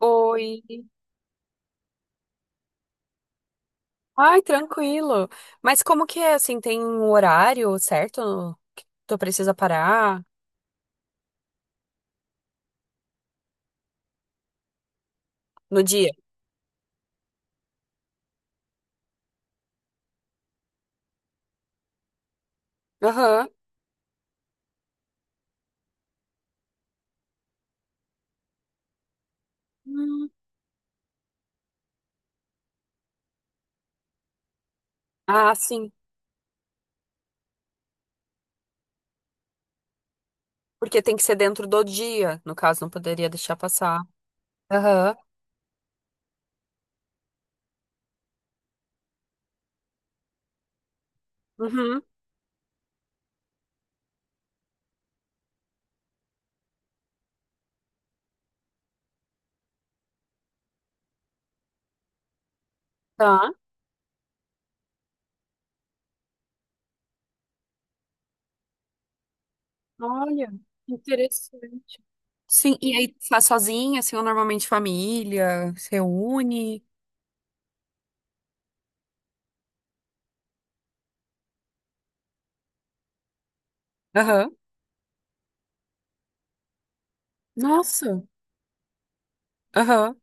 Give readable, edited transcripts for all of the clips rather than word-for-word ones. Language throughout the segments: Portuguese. Oi. Ai, tranquilo. Mas como que é assim? Tem um horário certo que tu precisa parar no dia? Aham. Hum. Ah, sim. Porque tem que ser dentro do dia. No caso, não poderia deixar passar. Aham. Uhum. Tá. Olha, interessante. Sim, e aí tu faz sozinha, assim, ou normalmente família, se reúne? Aham. Nossa. Aham.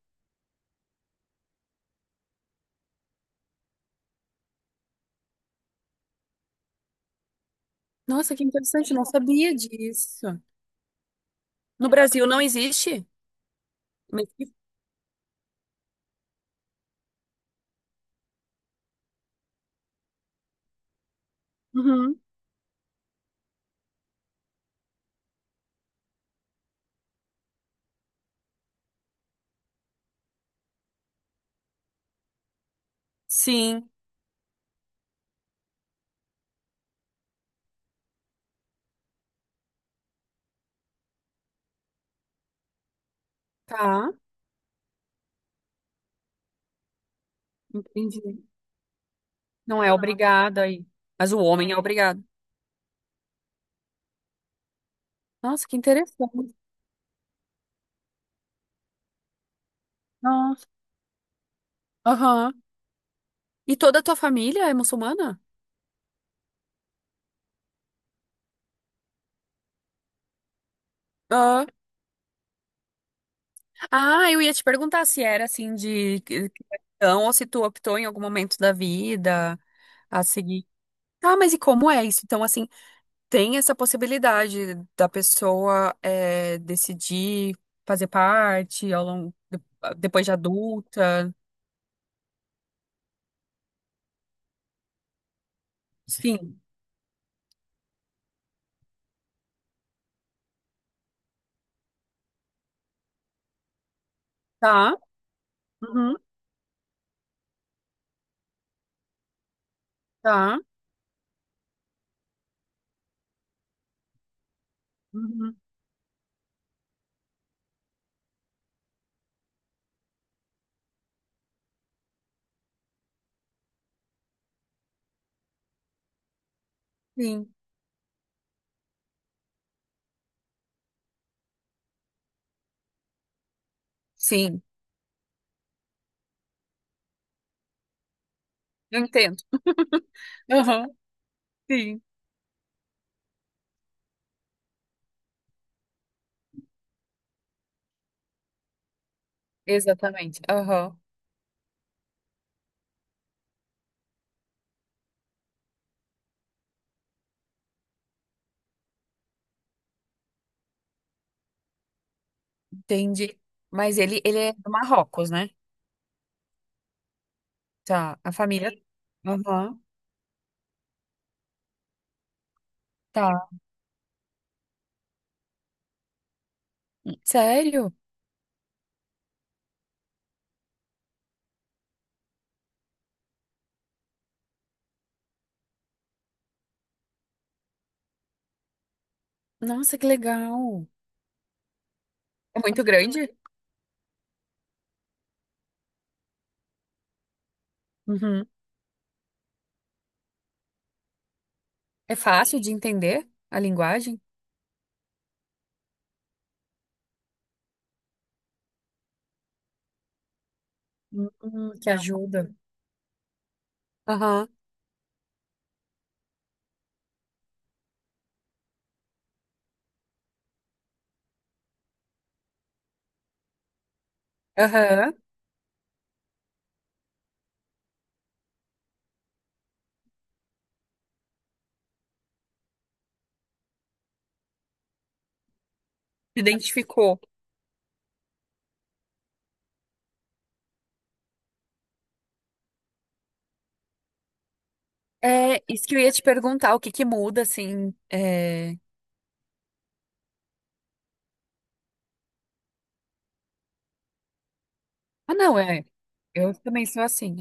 Nossa, que interessante, não sabia disso. No Brasil não existe? Uhum. Sim, tá. Entendi. Não é obrigada aí. Mas o homem é obrigado. Nossa, que interessante. Nossa. Aham. E toda a tua família é muçulmana? Ah. Ah, eu ia te perguntar se era assim de cristão ou se tu optou em algum momento da vida a seguir. Ah, mas e como é isso? Então, assim, tem essa possibilidade da pessoa decidir fazer parte ao longo, depois de adulta. Sim. Tá. Uhum. Tá. Uhum. Sim, sim, eu entendo. Aham, sim, exatamente. Aham, entendi. Mas ele é do Marrocos, né? Tá, a família. Aham, tá. Sério? Nossa, que legal. É muito grande? Uhum. É fácil de entender a linguagem? Que ajuda. Aham, aham. Se identificou. É, isso que eu ia te perguntar, o que que muda, assim, é... Ah, não, é. Eu também sou assim.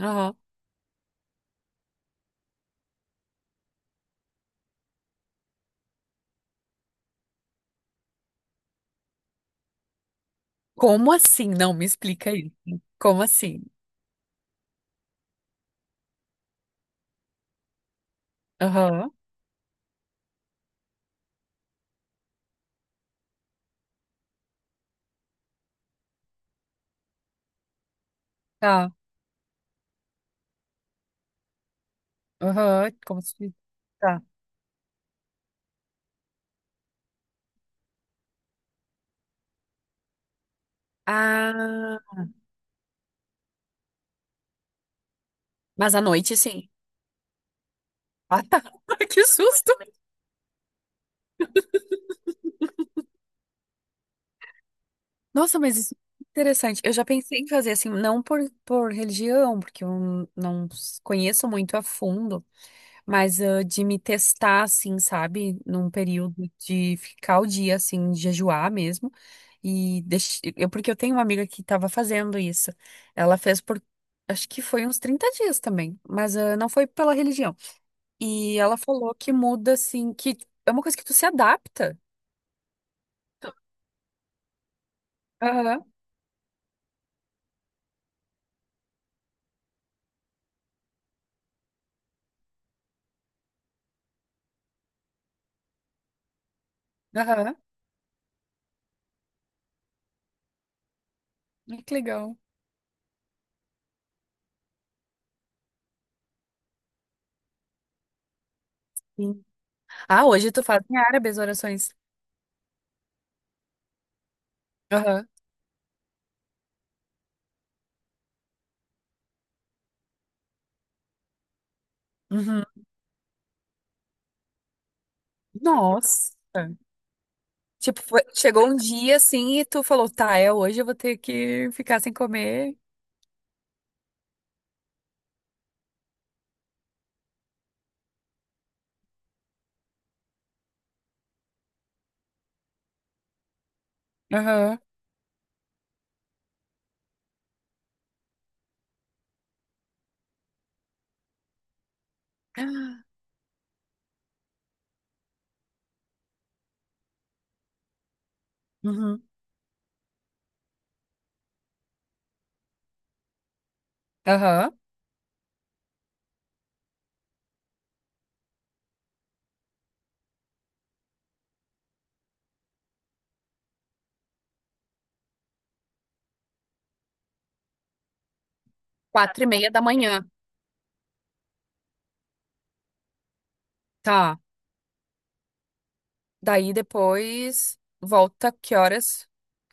Como assim? Não, me explica aí. Como assim? Aham, tá. Aham, como assim? Tá. Ah, mas à noite, sim. Ah, tá. Que susto! Nossa, mas isso é interessante. Eu já pensei em fazer assim, não por, por religião, porque eu não conheço muito a fundo, mas de me testar, assim, sabe? Num período de ficar o dia, assim, de jejuar mesmo. E deix... eu, porque eu tenho uma amiga que estava fazendo isso. Ela fez por, acho que foi uns 30 dias também, mas não foi pela religião. E ela falou que muda, assim, que é uma coisa que tu se adapta. Aham, aham. Ai, que legal. Sim. Ah, hoje tu faz em árabe as orações. Aham. Uhum. Nossa. Tipo, chegou um dia assim e tu falou, tá, é hoje eu vou ter que ficar sem comer. Aham. Uhum. Aham. Quatro e meia da manhã. Tá. Daí depois volta que horas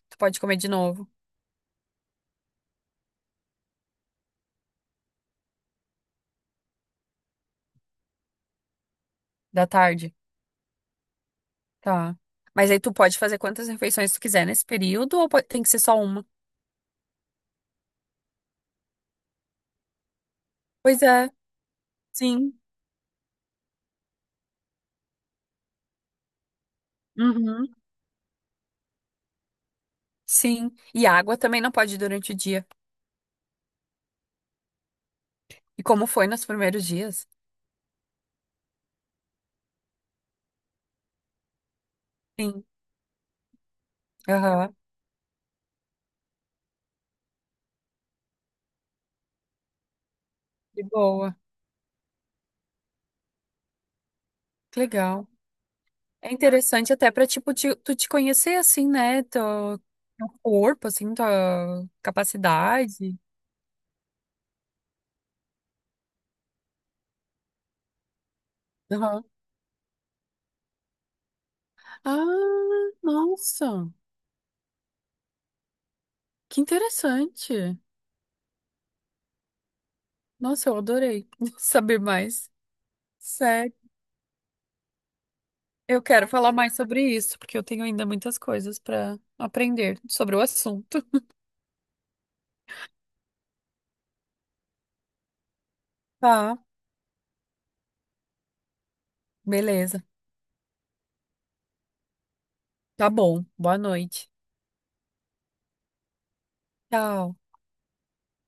tu pode comer de novo da tarde. Tá. Mas aí tu pode fazer quantas refeições tu quiser nesse período ou tem que ser só uma? Pois é. Sim. Uhum. Sim. E água também não pode durante o dia. E como foi nos primeiros dias? Sim. Aham. De boa. Que legal. É interessante até pra, tipo, tu te conhecer, assim, né? Teu, teu corpo, assim, tua capacidade. Aham. Ah, nossa, que interessante. Nossa, eu adorei saber mais. Sério. Eu quero falar mais sobre isso, porque eu tenho ainda muitas coisas pra aprender sobre o assunto. Tá, beleza. Tá bom. Boa noite. Tchau.